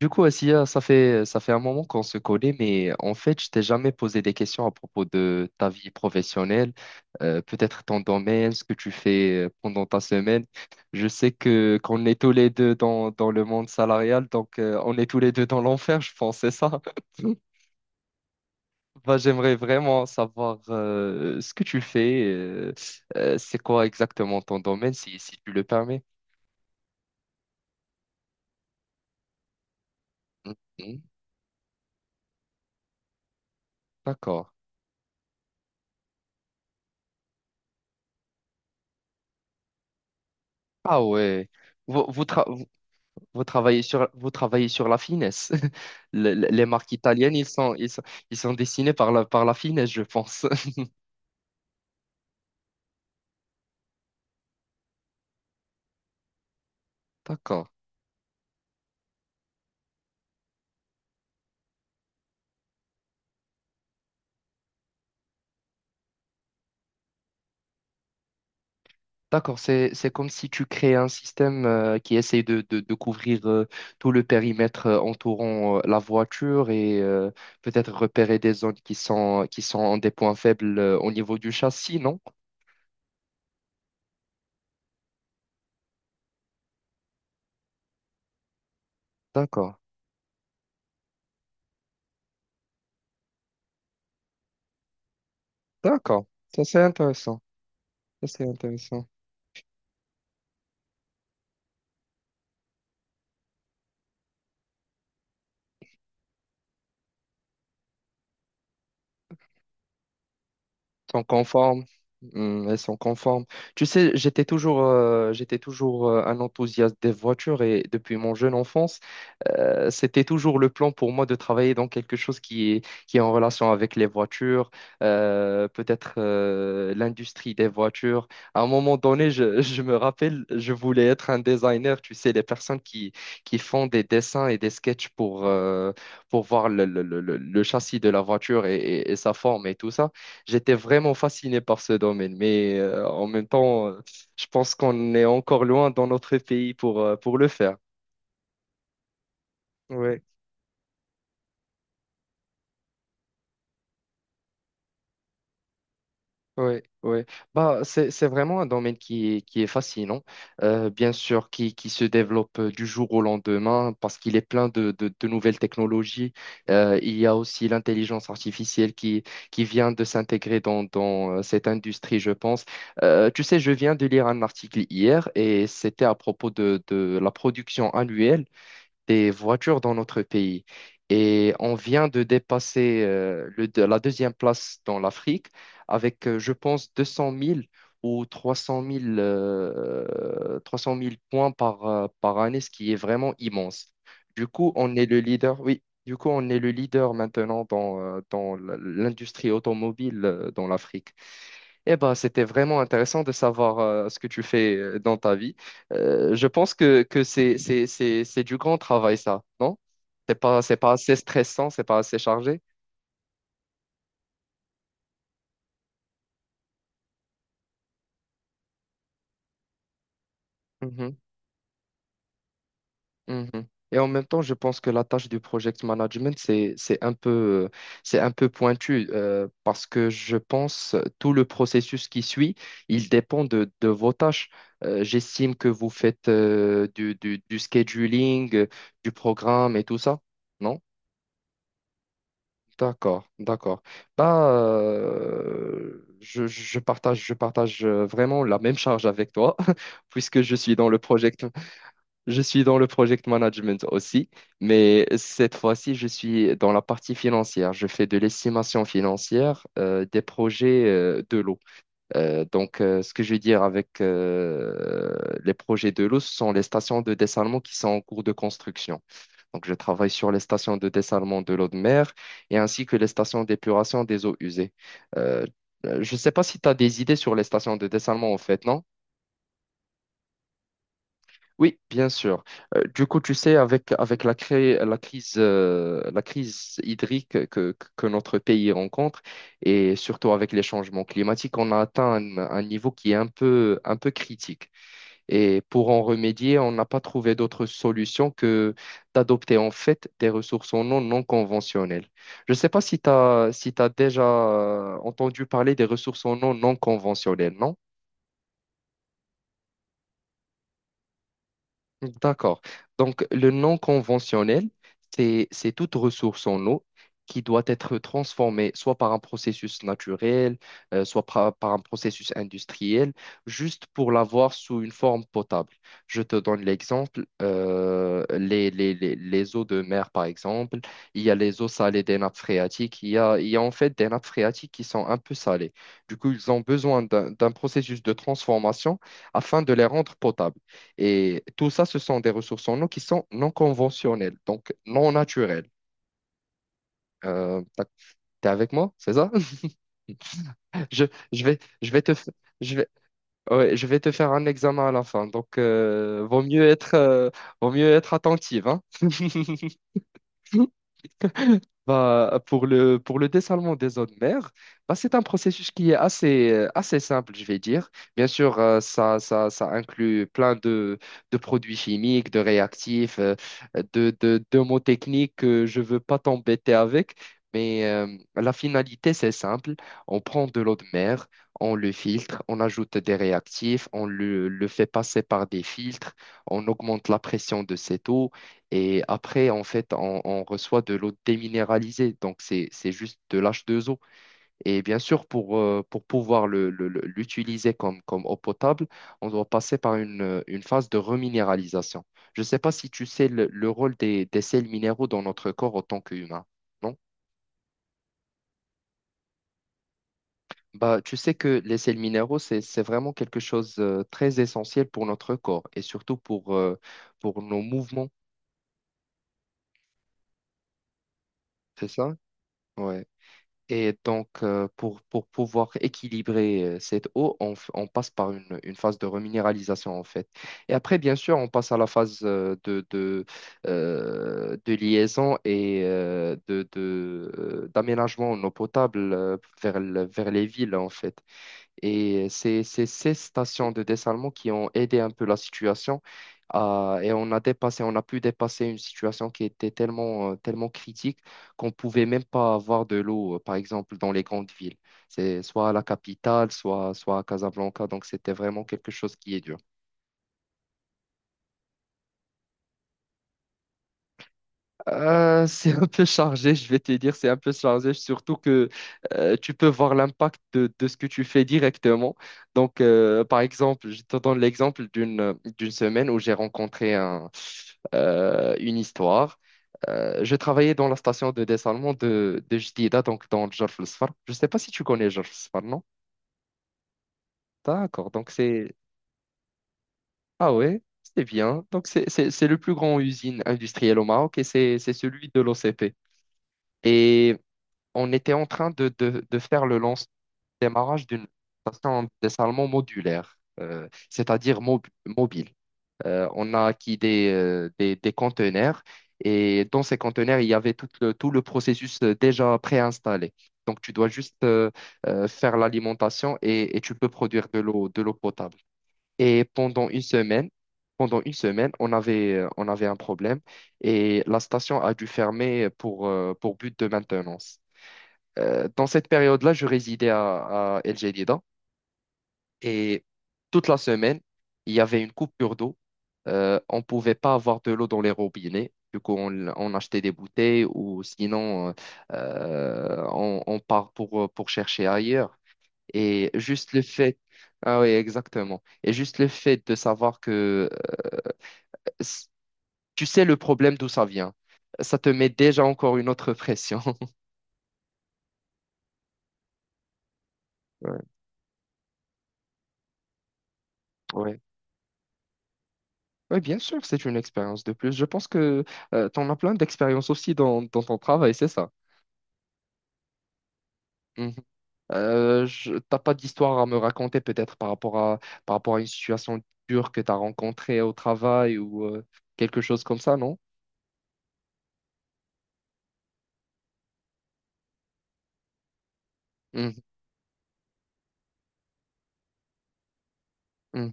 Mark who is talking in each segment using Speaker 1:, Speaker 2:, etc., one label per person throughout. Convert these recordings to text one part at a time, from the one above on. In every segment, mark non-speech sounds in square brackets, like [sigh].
Speaker 1: Du coup, Assia, ça fait un moment qu'on se connaît, mais en fait, je t'ai jamais posé des questions à propos de ta vie professionnelle, peut-être ton domaine, ce que tu fais pendant ta semaine. Je sais que qu'on est tous les deux dans le monde salarial, donc on est tous les deux dans l'enfer, je pense, c'est ça? [laughs] Bah, j'aimerais vraiment savoir ce que tu fais, c'est quoi exactement ton domaine, si tu le permets. Mhm. D'accord. Ah ouais. Vous, vous, tra- vous travaillez sur la finesse. [laughs] Les marques italiennes, ils sont dessinés par la finesse, je pense. [laughs] D'accord. D'accord, c'est comme si tu crées un système qui essaie de couvrir tout le périmètre entourant la voiture et peut-être repérer des zones qui sont des points faibles au niveau du châssis, non? D'accord. D'accord. Ça, c'est intéressant. Ça, c'est intéressant. Sont conformes. Hmm, elles sont conformes. Tu sais, j'étais toujours un enthousiaste des voitures et depuis mon jeune enfance, c'était toujours le plan pour moi de travailler dans quelque chose qui est en relation avec les voitures, peut-être l'industrie des voitures. À un moment donné, je, [laughs] je me rappelle, je voulais être un designer, tu sais, les personnes qui font des dessins et des sketchs pour voir le châssis de la voiture et sa forme et tout ça. J'étais vraiment fasciné par ce domaine, mais en même temps, je pense qu'on est encore loin dans notre pays pour le faire. Ouais. Oui, oui. Bah, c'est vraiment un domaine qui est fascinant, bien sûr, qui se développe du jour au lendemain parce qu'il est plein de nouvelles technologies. Il y a aussi l'intelligence artificielle qui vient de s'intégrer dans cette industrie, je pense. Tu sais, je viens de lire un article hier et c'était à propos de la production annuelle des voitures dans notre pays. Et on vient de dépasser la deuxième place dans l'Afrique avec, je pense, 200 000 ou 300 000, 300 000 points par, par année, ce qui est vraiment immense. Du coup, on est le leader, oui, du coup, on est le leader maintenant dans, l'industrie automobile dans l'Afrique. Eh ben, c'était vraiment intéressant de savoir ce que tu fais dans ta vie. Je pense que c'est du grand travail, ça, non? C'est pas assez stressant, c'est pas assez chargé. Mhm, mhm. Et en même temps, je pense que la tâche du project management, c'est un peu pointu parce que je pense tout le processus qui suit, il dépend de vos tâches. J'estime que vous faites du scheduling, du programme et tout ça, non? D'accord, d'accord. Bah, je partage vraiment la même charge avec toi, [laughs] puisque je suis dans le project, je suis dans le project management aussi, mais cette fois-ci, je suis dans la partie financière. Je fais de l'estimation financière des projets de l'eau. Donc, ce que je veux dire avec les projets de l'eau, ce sont les stations de dessalement qui sont en cours de construction. Donc, je travaille sur les stations de dessalement de l'eau de mer et ainsi que les stations d'épuration des eaux usées. Euh, je ne sais pas si tu as des idées sur les stations de dessalement, en fait, non? Oui, bien sûr. Du coup, tu sais, avec, avec la, la crise hydrique que notre pays rencontre, et surtout avec les changements climatiques, on a atteint un niveau qui est un peu critique. Et pour en remédier, on n'a pas trouvé d'autre solution que d'adopter en fait des ressources en eau non conventionnelles. Je ne sais pas si tu as, si tu déjà entendu parler des ressources en eau non conventionnelles, non? D'accord. Donc, le non conventionnel, c'est toute ressource en eau qui doit être transformée soit par un processus naturel, soit par, par un processus industriel, juste pour l'avoir sous une forme potable. Je te donne l'exemple, les eaux de mer, par exemple, il y a les eaux salées des nappes phréatiques, il y a en fait des nappes phréatiques qui sont un peu salées. Du coup, ils ont besoin d'un processus de transformation afin de les rendre potables. Et tout ça, ce sont des ressources en eau qui sont non conventionnelles, donc non naturelles. Euh, t'as- T'es avec moi, c'est ça? [laughs] Je, je vais te, f- je vais, ouais, Je vais te faire un examen à la fin, donc vaut mieux être attentive, hein? [laughs] Bah, pour le dessalement des eaux de mer, bah, c'est un processus qui est assez, assez simple, je vais dire. Bien sûr, ça inclut plein de produits chimiques, de réactifs, de mots techniques que je ne veux pas t'embêter avec, mais la finalité, c'est simple. On prend de l'eau de mer, on le filtre, on ajoute des réactifs, on le fait passer par des filtres, on augmente la pression de cette eau et après, en fait, on reçoit de l'eau déminéralisée. Donc, c'est juste de l'H2O. Et bien sûr, pour pouvoir l'utiliser comme, comme eau potable, on doit passer par une phase de reminéralisation. Je ne sais pas si tu sais le rôle des sels minéraux dans notre corps en tant qu'humain. Non. Bah, tu sais que les sels minéraux, c'est vraiment quelque chose de très essentiel pour notre corps et surtout pour nos mouvements. C'est ça? Ouais. Et donc, pour pouvoir équilibrer cette eau, on passe par une phase de reminéralisation, en fait. Et après, bien sûr, on passe à la phase de liaison et d'aménagement en eau potable vers les villes, en fait. Et c'est ces stations de dessalement qui ont aidé un peu la situation. Euh, et on a dépassé, on a pu dépasser une situation qui était tellement, tellement critique qu'on pouvait même pas avoir de l'eau, par exemple, dans les grandes villes. C'est soit à la capitale, soit, soit à Casablanca. Donc, c'était vraiment quelque chose qui est dur. [laughs] C'est un peu chargé, je vais te dire, c'est un peu chargé, surtout que tu peux voir l'impact de ce que tu fais directement. Donc, par exemple, je te donne l'exemple d'une semaine où j'ai rencontré un, une histoire. Je travaillais dans la station de dessalement de Jdida, donc dans Jorf el Sfar. Je ne sais pas si tu connais Jorf el Sfar, non? D'accord, donc c'est... Ah ouais, c'est bien. Donc, c'est le plus grand usine industrielle au Maroc et c'est celui de l'OCP. On était en train de faire le lance démarrage d'une station dessalement modulaire, c'est-à-dire mobile. On a acquis des, des conteneurs et dans ces conteneurs, il y avait tout le processus déjà préinstallé. Donc, tu dois juste faire l'alimentation et tu peux produire de l'eau potable. Et pendant une semaine, on avait un problème et la station a dû fermer pour but de maintenance. Dans cette période-là, je résidais à El Jadida et toute la semaine, il y avait une coupure d'eau. On ne pouvait pas avoir de l'eau dans les robinets. Du coup, on achetait des bouteilles ou sinon, on part pour chercher ailleurs. Et juste le fait, ah oui, exactement. Et juste le fait de savoir que s- tu sais le problème d'où ça vient, ça te met déjà encore une autre pression. [laughs] Ouais. Ouais. Oui, bien sûr, c'est une expérience de plus. Je pense que tu en as plein d'expériences aussi dans ton travail, c'est ça. Mhm. T'as pas d'histoire à me raconter peut-être par rapport à une situation dure que tu as rencontrée au travail ou quelque chose comme ça, non? Mhm, mhm.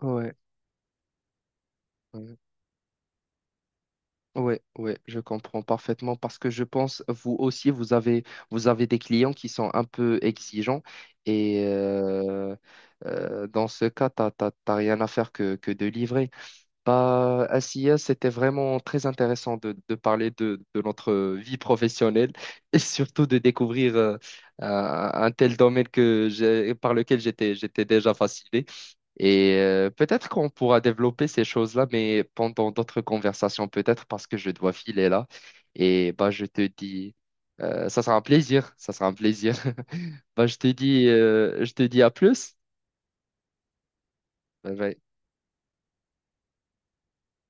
Speaker 1: Ouais, ouais, ouais, je comprends parfaitement parce que je pense, vous aussi, vous avez des clients qui sont un peu exigeants et dans ce cas, t'as rien à faire que de livrer. Bah, à SIA, c'était vraiment très intéressant de parler de notre vie professionnelle et surtout de découvrir un tel domaine par lequel j'étais déjà fasciné. Et peut-être qu'on pourra développer ces choses-là, mais pendant d'autres conversations, peut-être parce que je dois filer là. Et bah, je te dis, ça sera un plaisir, ça sera un plaisir. [laughs] Bah, je te dis à plus. Bye bye.